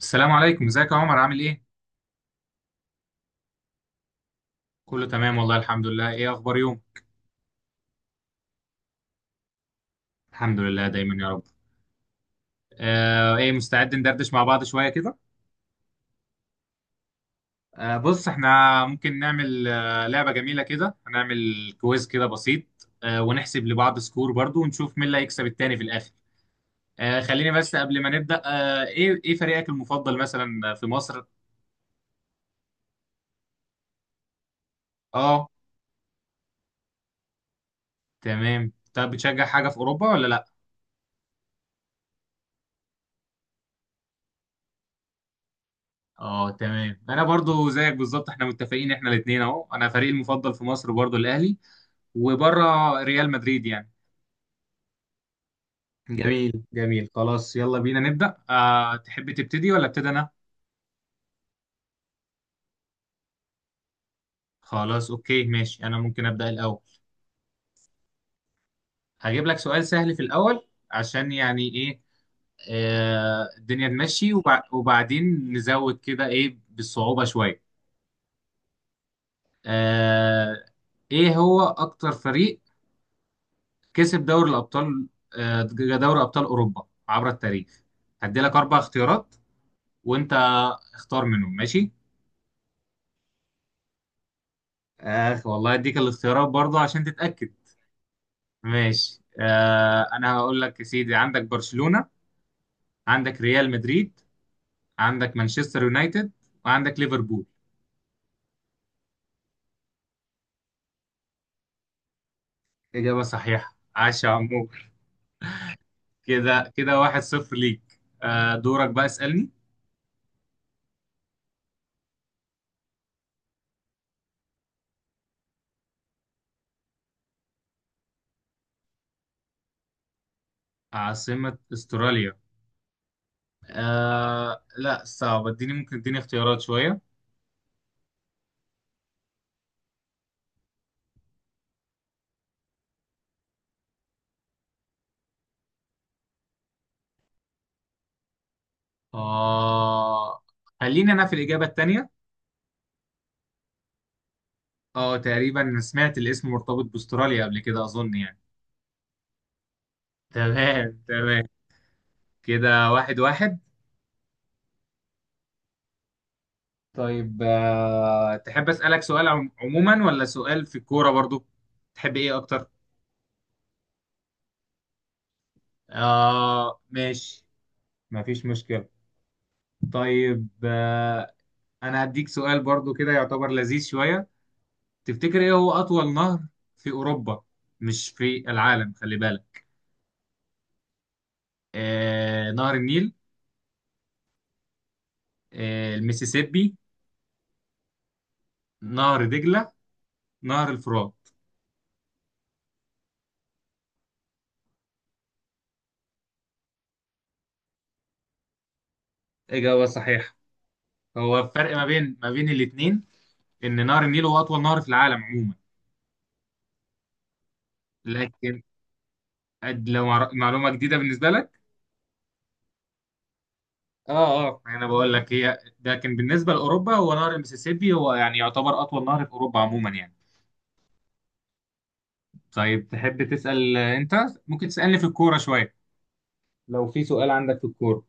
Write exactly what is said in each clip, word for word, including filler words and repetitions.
السلام عليكم، ازيك يا عمر؟ عامل ايه؟ كله تمام والله، الحمد لله. ايه اخبار يوم؟ الحمد لله دايما يا رب. آه ايه، مستعد ندردش مع بعض شوية كده؟ آه بص، احنا ممكن نعمل آه لعبة جميلة كده. هنعمل كويز كده بسيط، آه ونحسب لبعض سكور برضو، ونشوف مين اللي هيكسب التاني في الاخر. آه خليني بس قبل ما نبدأ، آه ايه ايه فريقك المفضل مثلا في مصر؟ اه تمام. طب بتشجع حاجة في اوروبا ولا لا؟ اه تمام، انا برضو زيك بالظبط، احنا متفقين، احنا الاثنين اهو. انا فريقي المفضل في مصر برضو الاهلي، وبره ريال مدريد يعني. جميل جميل جميل، خلاص يلا بينا نبدأ. أه تحب تبتدي ولا ابتدي أنا؟ خلاص أوكي ماشي، أنا ممكن أبدأ الأول. هجيب لك سؤال سهل في الأول عشان يعني إيه، آه الدنيا تمشي، وبع- وبعدين نزود كده إيه بالصعوبة شوية. آه إيه هو أكتر فريق كسب دوري الأبطال، آه دوري أبطال أوروبا عبر التاريخ؟ هدي لك أربع اختيارات وأنت اختار منهم، ماشي. اخ والله، اديك الاختيارات برضه عشان تتأكد. ماشي، آه انا هقول لك يا سيدي: عندك برشلونة، عندك ريال مدريد، عندك مانشستر يونايتد، وعندك ليفربول. إجابة صحيحة، عاش يا عمو. كده كده واحد صفر ليك. آه دورك بقى اسألني. عاصمة استراليا؟ آه لا صعب، اديني، ممكن اديني اختيارات شوية. آه خليني انا في الإجابة التانية. اه، تقريبا سمعت الاسم مرتبط باستراليا قبل كده، اظن يعني. تمام تمام. كده واحد واحد. طيب، آه، تحب أسألك سؤال عم- عموما ولا سؤال في الكورة برضو؟ تحب ايه اكتر؟ آه ماشي، مفيش مشكلة. طيب، آه، انا هديك سؤال برضو كده يعتبر لذيذ شوية. تفتكر ايه هو اطول نهر في اوروبا؟ مش في العالم، خلي بالك. آه نهر النيل، آه المسيسيبي، نهر دجلة، نهر الفرات. إجابة صحيحة. هو الفرق ما بين ما بين الاتنين إن نهر النيل هو أطول نهر في العالم عموما، لكن أد- لو مع- معلومة جديدة بالنسبة لك. اه اه، انا بقول لك هي، لكن بالنسبة لأوروبا هو نهر المسيسيبي هو يعني يعتبر أطول نهر في أوروبا عموما يعني. طيب، تحب تسأل آه، أنت؟ ممكن تسألني في الكورة شوية، لو في سؤال عندك في الكورة.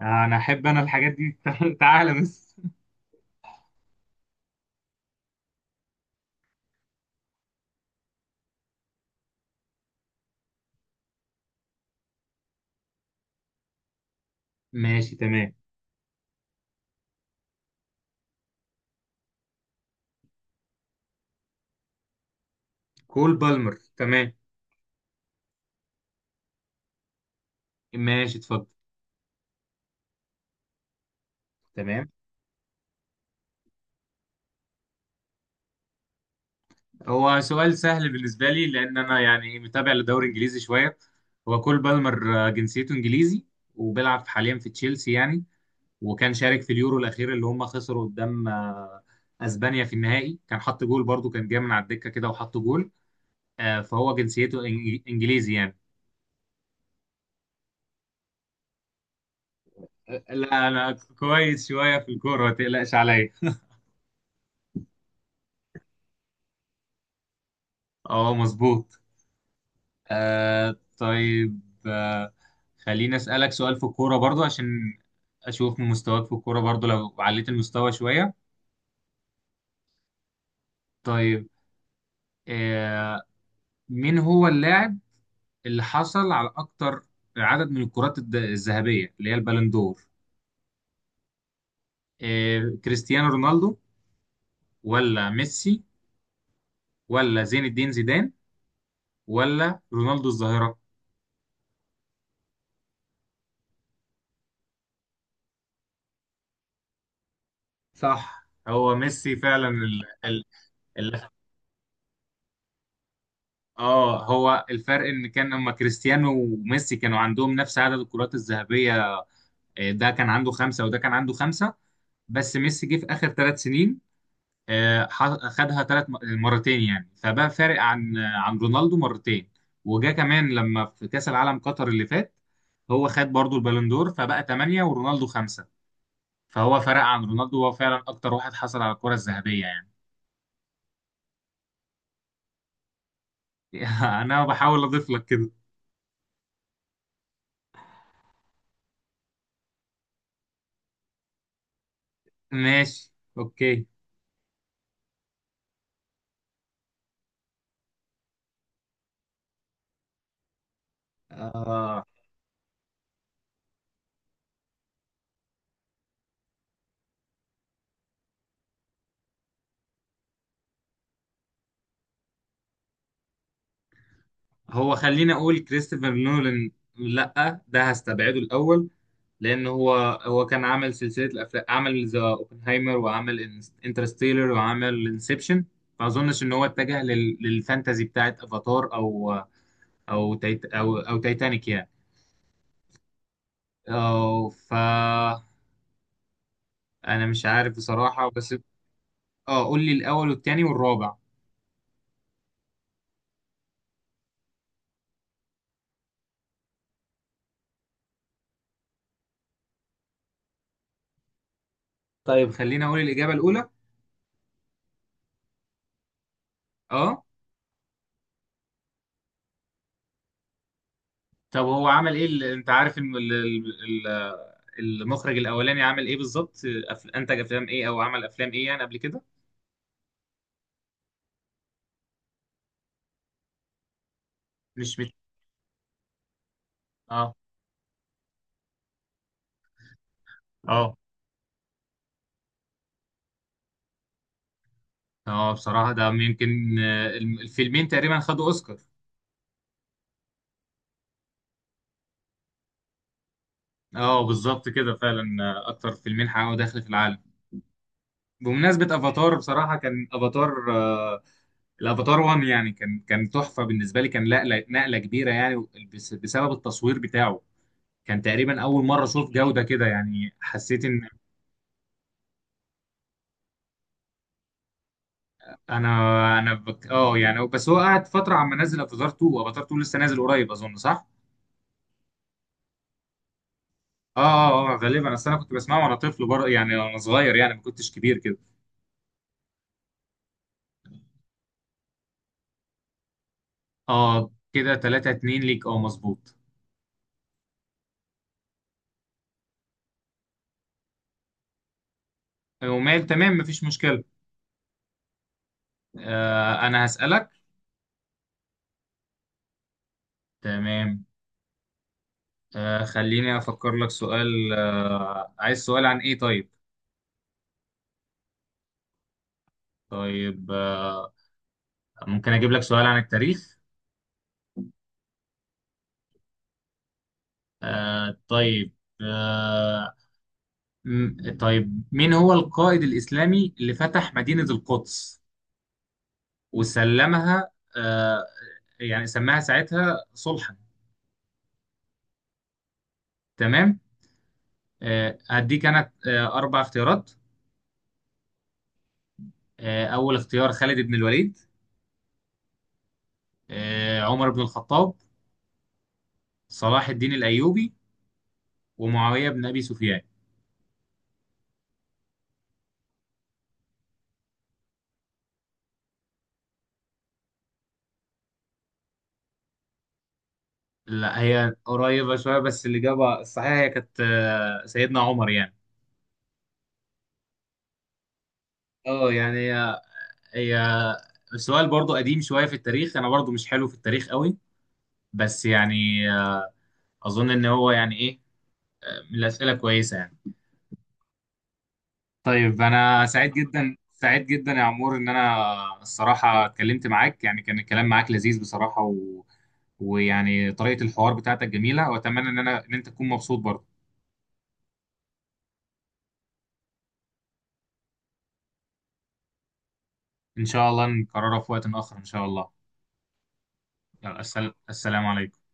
انا احب انا الحاجات دي تعالى بس. ماشي تمام. كول بالمر، تمام. ماشي اتفضل. تمام. هو سؤال سهل بالنسبة لي، لأن أنا يعني متابع للدوري الإنجليزي شوية. هو كول بالمر آه، جنسيته إنجليزي، وبيلعب حاليا في تشيلسي يعني، وكان شارك في اليورو الاخير اللي هم خسروا قدام آه، اسبانيا في النهائي. كان حط جول برضو، كان جاي من على الدكه كده وحط جول. آه، فهو جنسيته إنج- انجليزي يعني. آه، لا انا كويس شويه في الكوره، ما تقلقش عليا. اه مظبوط. آه، طيب، آه، خليني اسالك سؤال في الكوره برضو عشان اشوف من مستواك في الكوره برضو، لو عليت المستوى شويه. طيب، آه، مين هو اللاعب اللي حصل على اكتر عدد من الكرات الد- الذهبيه اللي هي البالندور؟ آه، كريستيانو رونالدو، ولا ميسي، ولا زين الدين زيدان، ولا رونالدو الظاهرة؟ صح، هو ميسي فعلا. ال... ال... ال... اه هو الفرق ان كان لما كريستيانو وميسي كانوا عندهم نفس عدد الكرات الذهبية. آه، ده كان عنده خمسة وده كان عنده خمسة، بس ميسي جه في آخر ثلاث سنين، آه، ح- خدها ثلاث مرتين يعني، فبقى فارق عن عن رونالدو مرتين. وجا كمان لما في كأس العالم قطر اللي فات، هو خد برضو البالندور، فبقى ثمانية ورونالدو خمسة، فهو فرق عن رونالدو، هو فعلا أكتر واحد حصل على الكرة الذهبية يعني. أنا بحاول أضيف لك كده. ماشي أوكي. آه. هو خليني اقول كريستوفر نولان، لا ده هستبعده الاول، لان هو هو كان عامل سلسله الافلام، عمل ذا اوبنهايمر وعمل انترستيلر وعمل انسبشن، ما اظنش ان هو اتجه لل- للفانتازي بتاعت افاتار، او او تيت او او تايتانيك يعني. أو ف انا مش عارف بصراحه بس. اه قول لي الاول والتاني والرابع. طيب خليني اقول الاجابه الاولى. اه. طب هو عمل ايه، ال- انت عارف ان ال- ال- ال- المخرج الاولاني عمل ايه بالظبط، أف- انتج افلام ايه او عمل افلام ايه يعني قبل كده؟ مش مت... اه اه اه، بصراحة ده يمكن آه، الم- الفيلمين تقريبا خدوا اوسكار. اه بالظبط كده فعلا، آه، اكتر فيلمين حققوا دخل في العالم. بمناسبة افاتار، بصراحة كان افاتار، آه، الافاتار واحد يعني كان كان تحفة بالنسبة لي، كان نقلة نقلة كبيرة يعني، بس- بسبب التصوير بتاعه. كان تقريبا اول مرة اشوف جودة كده، يعني حسيت ان انا انا بك... اه يعني، بس هو قعد فتره عم نزل افاتار اتنين، افاتار اتنين لسه نازل قريب اظن، صح؟ اه اه اه، غالبا اصل انا كنت بسمعه وانا طفل بر... يعني وانا صغير يعني، ما كنتش كبير كده. اه كده تلاتة اتنين ليك، اه مظبوط. ومال، تمام مفيش مشكله. آه انا هسألك. تمام. آه خليني افكر لك سؤال، آه عايز سؤال عن ايه طيب؟ طيب، آه ممكن اجيب لك سؤال عن التاريخ. آه طيب، آه، م- طيب مين هو القائد الإسلامي اللي فتح مدينة القدس وسلمها، آه يعني سماها ساعتها صلحا. تمام. آه هديك أنا آه أربع اختيارات: آه أول اختيار خالد بن الوليد، آه عمر بن الخطاب، صلاح الدين الأيوبي، ومعاوية بن أبي سفيان. لا، هي قريبة شوية، بس الإجابة الصحيحة هي كانت آه سيدنا عمر يعني. اه يعني، هي هي السؤال برضو قديم شوية في التاريخ، أنا برضو مش حلو في التاريخ قوي، بس يعني اظن ان هو يعني ايه، من الاسئله كويسه يعني. طيب، انا سعيد جدا سعيد جدا يا عمور، ان انا الصراحه اتكلمت معاك، يعني كان الكلام معاك لذيذ بصراحه و... ويعني طريقه الحوار بتاعتك جميله، واتمنى ان انا ان انت تكون مبسوط برضه. ان شاء الله نكررها في وقت اخر ان شاء الله. يلا، السل... السلام عليكم.